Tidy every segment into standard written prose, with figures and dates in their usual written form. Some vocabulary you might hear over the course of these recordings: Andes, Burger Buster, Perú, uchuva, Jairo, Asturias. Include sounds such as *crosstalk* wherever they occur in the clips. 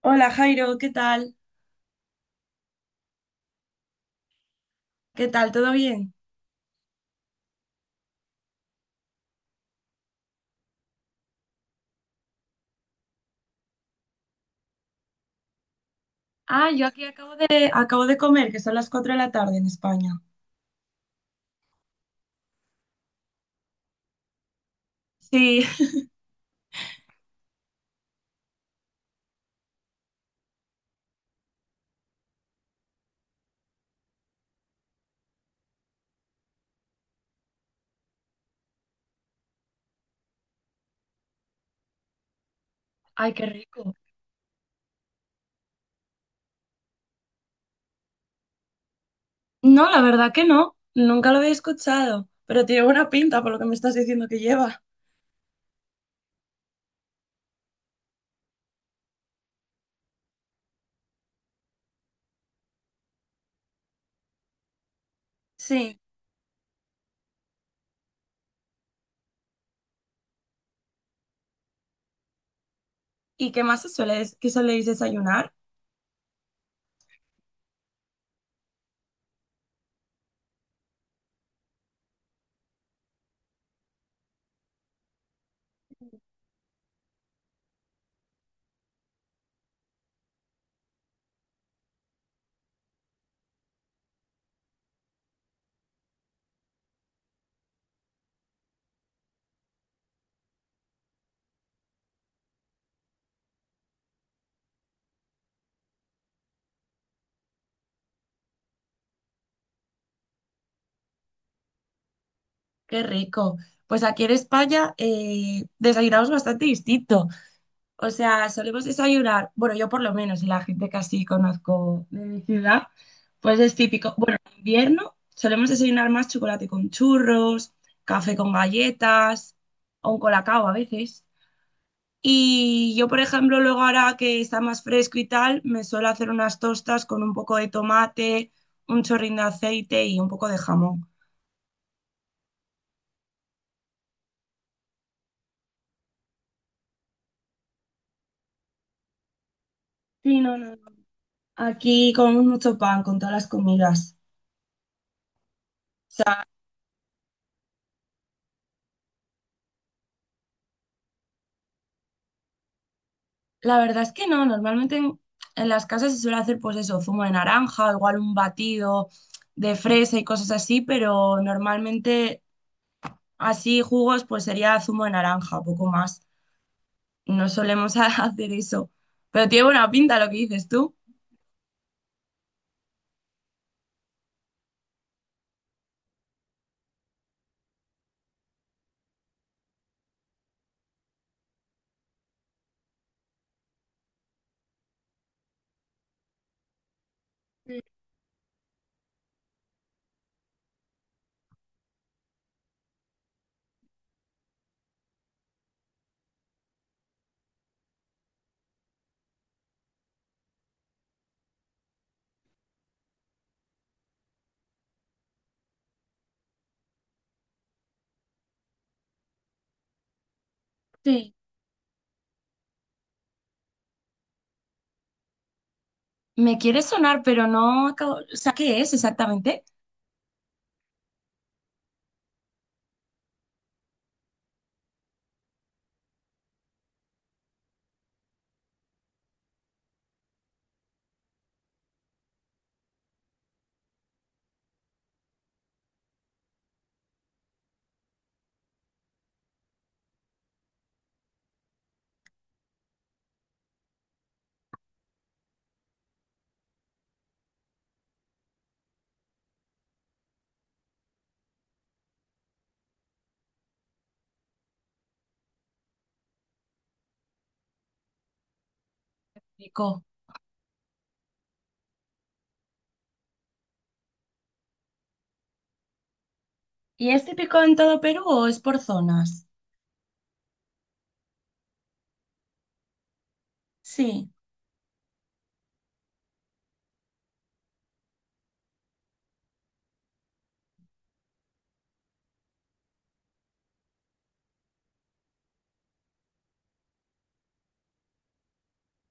Hola Jairo, ¿qué tal? ¿Qué tal? ¿Todo bien? Ah, yo aquí acabo de comer, que son las 4 de la tarde en España. Sí, *laughs* ay, qué rico. No, la verdad que no, nunca lo había escuchado, pero tiene buena pinta por lo que me estás diciendo que lleva. Sí, ¿y qué más se suele, qué soléis desayunar? Qué rico. Pues aquí en España desayunamos bastante distinto. O sea, solemos desayunar, bueno, yo por lo menos, y la gente que así conozco de mi ciudad, pues es típico. Bueno, en invierno solemos desayunar más chocolate con churros, café con galletas o un colacao a veces. Y yo, por ejemplo, luego ahora que está más fresco y tal, me suelo hacer unas tostas con un poco de tomate, un chorrín de aceite y un poco de jamón. Sí, no, no, no. Aquí comemos mucho pan con todas las comidas. La verdad es que no, normalmente en las casas se suele hacer pues eso, zumo de naranja, igual un batido de fresa y cosas así, pero normalmente así jugos pues sería zumo de naranja, poco más. No solemos *laughs* hacer eso, pero tiene buena pinta lo que dices tú. Sí. Me quiere sonar, pero no acabo, o sea, ¿qué es exactamente? Pico. ¿Y es típico en todo Perú o es por zonas? Sí.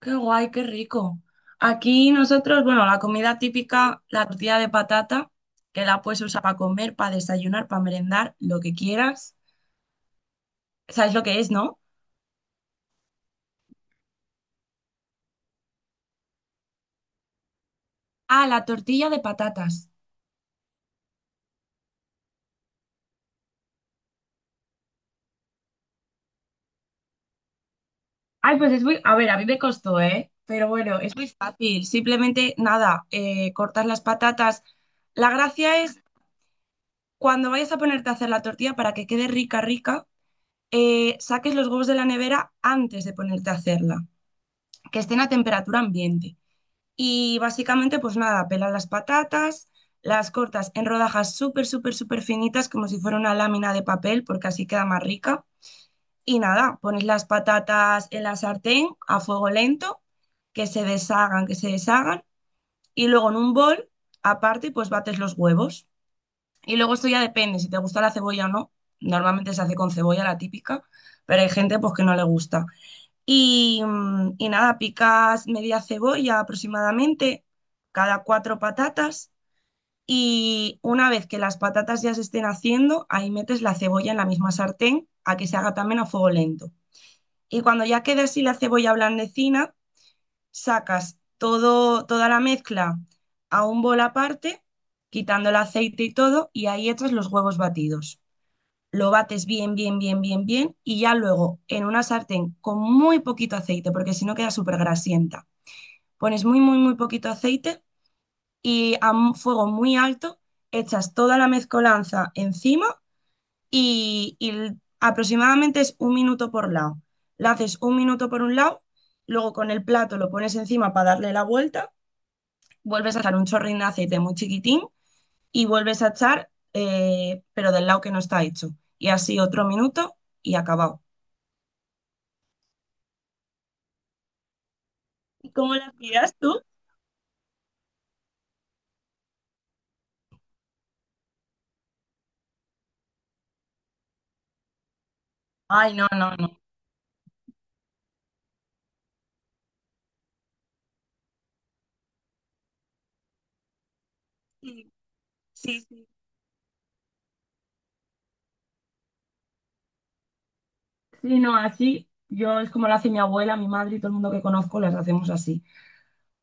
Qué guay, qué rico. Aquí nosotros, bueno, la comida típica, la tortilla de patata, que la puedes usar para comer, para desayunar, para merendar, lo que quieras. ¿Sabes lo que es, no? Ah, la tortilla de patatas. Ay, pues es muy... A ver, a mí me costó, ¿eh? Pero bueno, es muy fácil. Simplemente, nada, cortas las patatas. La gracia es cuando vayas a ponerte a hacer la tortilla para que quede rica, rica, saques los huevos de la nevera antes de ponerte a hacerla, que estén a temperatura ambiente. Y básicamente, pues nada, pelas las patatas, las cortas en rodajas súper, súper, súper finitas, como si fuera una lámina de papel, porque así queda más rica. Y nada, pones las patatas en la sartén a fuego lento, que se deshagan, que se deshagan. Y luego en un bol, aparte, pues bates los huevos. Y luego esto ya depende si te gusta la cebolla o no. Normalmente se hace con cebolla, la típica, pero hay gente pues que no le gusta. Y, y nada, picas media cebolla aproximadamente, cada cuatro patatas. Y una vez que las patatas ya se estén haciendo, ahí metes la cebolla en la misma sartén a que se haga también a fuego lento. Y cuando ya quede así la cebolla blandecina, sacas todo, toda la mezcla a un bol aparte, quitando el aceite y todo, y ahí echas los huevos batidos, lo bates bien, bien, bien, bien, bien, y ya luego en una sartén con muy poquito aceite, porque si no queda súper grasienta, pones muy, muy, muy poquito aceite y a un fuego muy alto echas toda la mezcolanza encima y aproximadamente es un minuto por lado. La haces un minuto por un lado, luego con el plato lo pones encima para darle la vuelta, vuelves a echar un chorrín de aceite muy chiquitín y vuelves a echar, pero del lado que no está hecho. Y así otro minuto y acabado. ¿Cómo la hacías tú? Ay, no, no, no. Sí, sí, sí. Sí, no, así yo es como lo hace mi abuela, mi madre y todo el mundo que conozco, las hacemos así.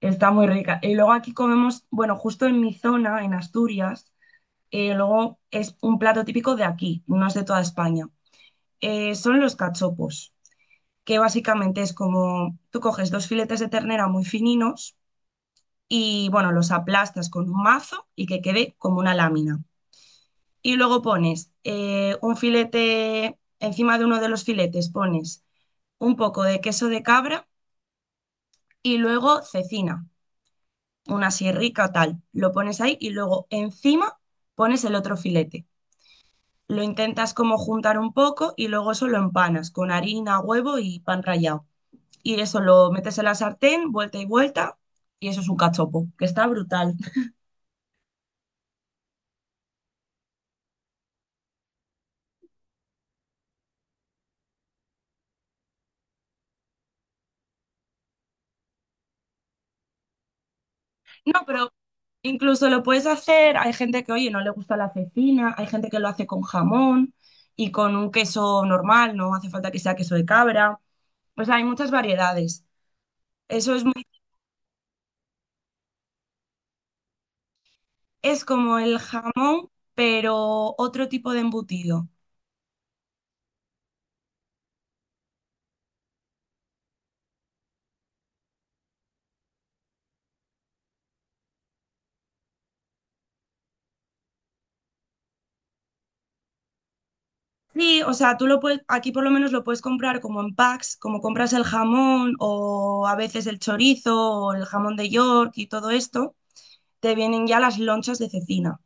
Está muy rica. Y luego aquí comemos, bueno, justo en mi zona, en Asturias, luego es un plato típico de aquí, no es de toda España. Son los cachopos, que básicamente es como tú coges dos filetes de ternera muy fininos y, bueno, los aplastas con un mazo y que quede como una lámina. Y luego pones un filete, encima de uno de los filetes pones un poco de queso de cabra y luego cecina, una así rica tal. Lo pones ahí y luego encima pones el otro filete. Lo intentas como juntar un poco y luego eso lo empanas con harina, huevo y pan rallado. Y eso lo metes en la sartén, vuelta y vuelta, y eso es un cachopo, que está brutal. *laughs* No, pero incluso lo puedes hacer, hay gente que, oye, no le gusta la cecina, hay gente que lo hace con jamón y con un queso normal, no hace falta que sea queso de cabra. O sea, hay muchas variedades. Eso es muy, es como el jamón, pero otro tipo de embutido. Sí, o sea, tú lo puedes, aquí por lo menos lo puedes comprar como en packs, como compras el jamón o a veces el chorizo o el jamón de York y todo esto, te vienen ya las lonchas de cecina,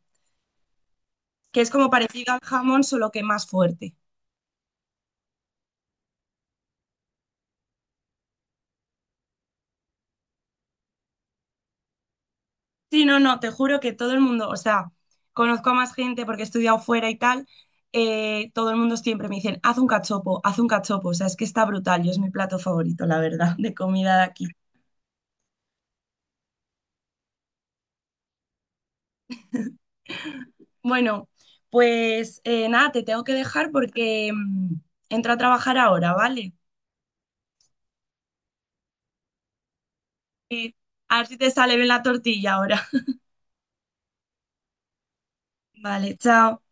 que es como parecido al jamón, solo que más fuerte. Sí, no, no, te juro que todo el mundo, o sea, conozco a más gente porque he estudiado fuera y tal, todo el mundo siempre me dicen, haz un cachopo, o sea, es que está brutal y es mi plato favorito, la verdad, de comida de aquí. Bueno, pues nada, te tengo que dejar porque entro a trabajar ahora, ¿vale? Eh, a ver si te sale bien la tortilla ahora. *laughs* Vale, chao.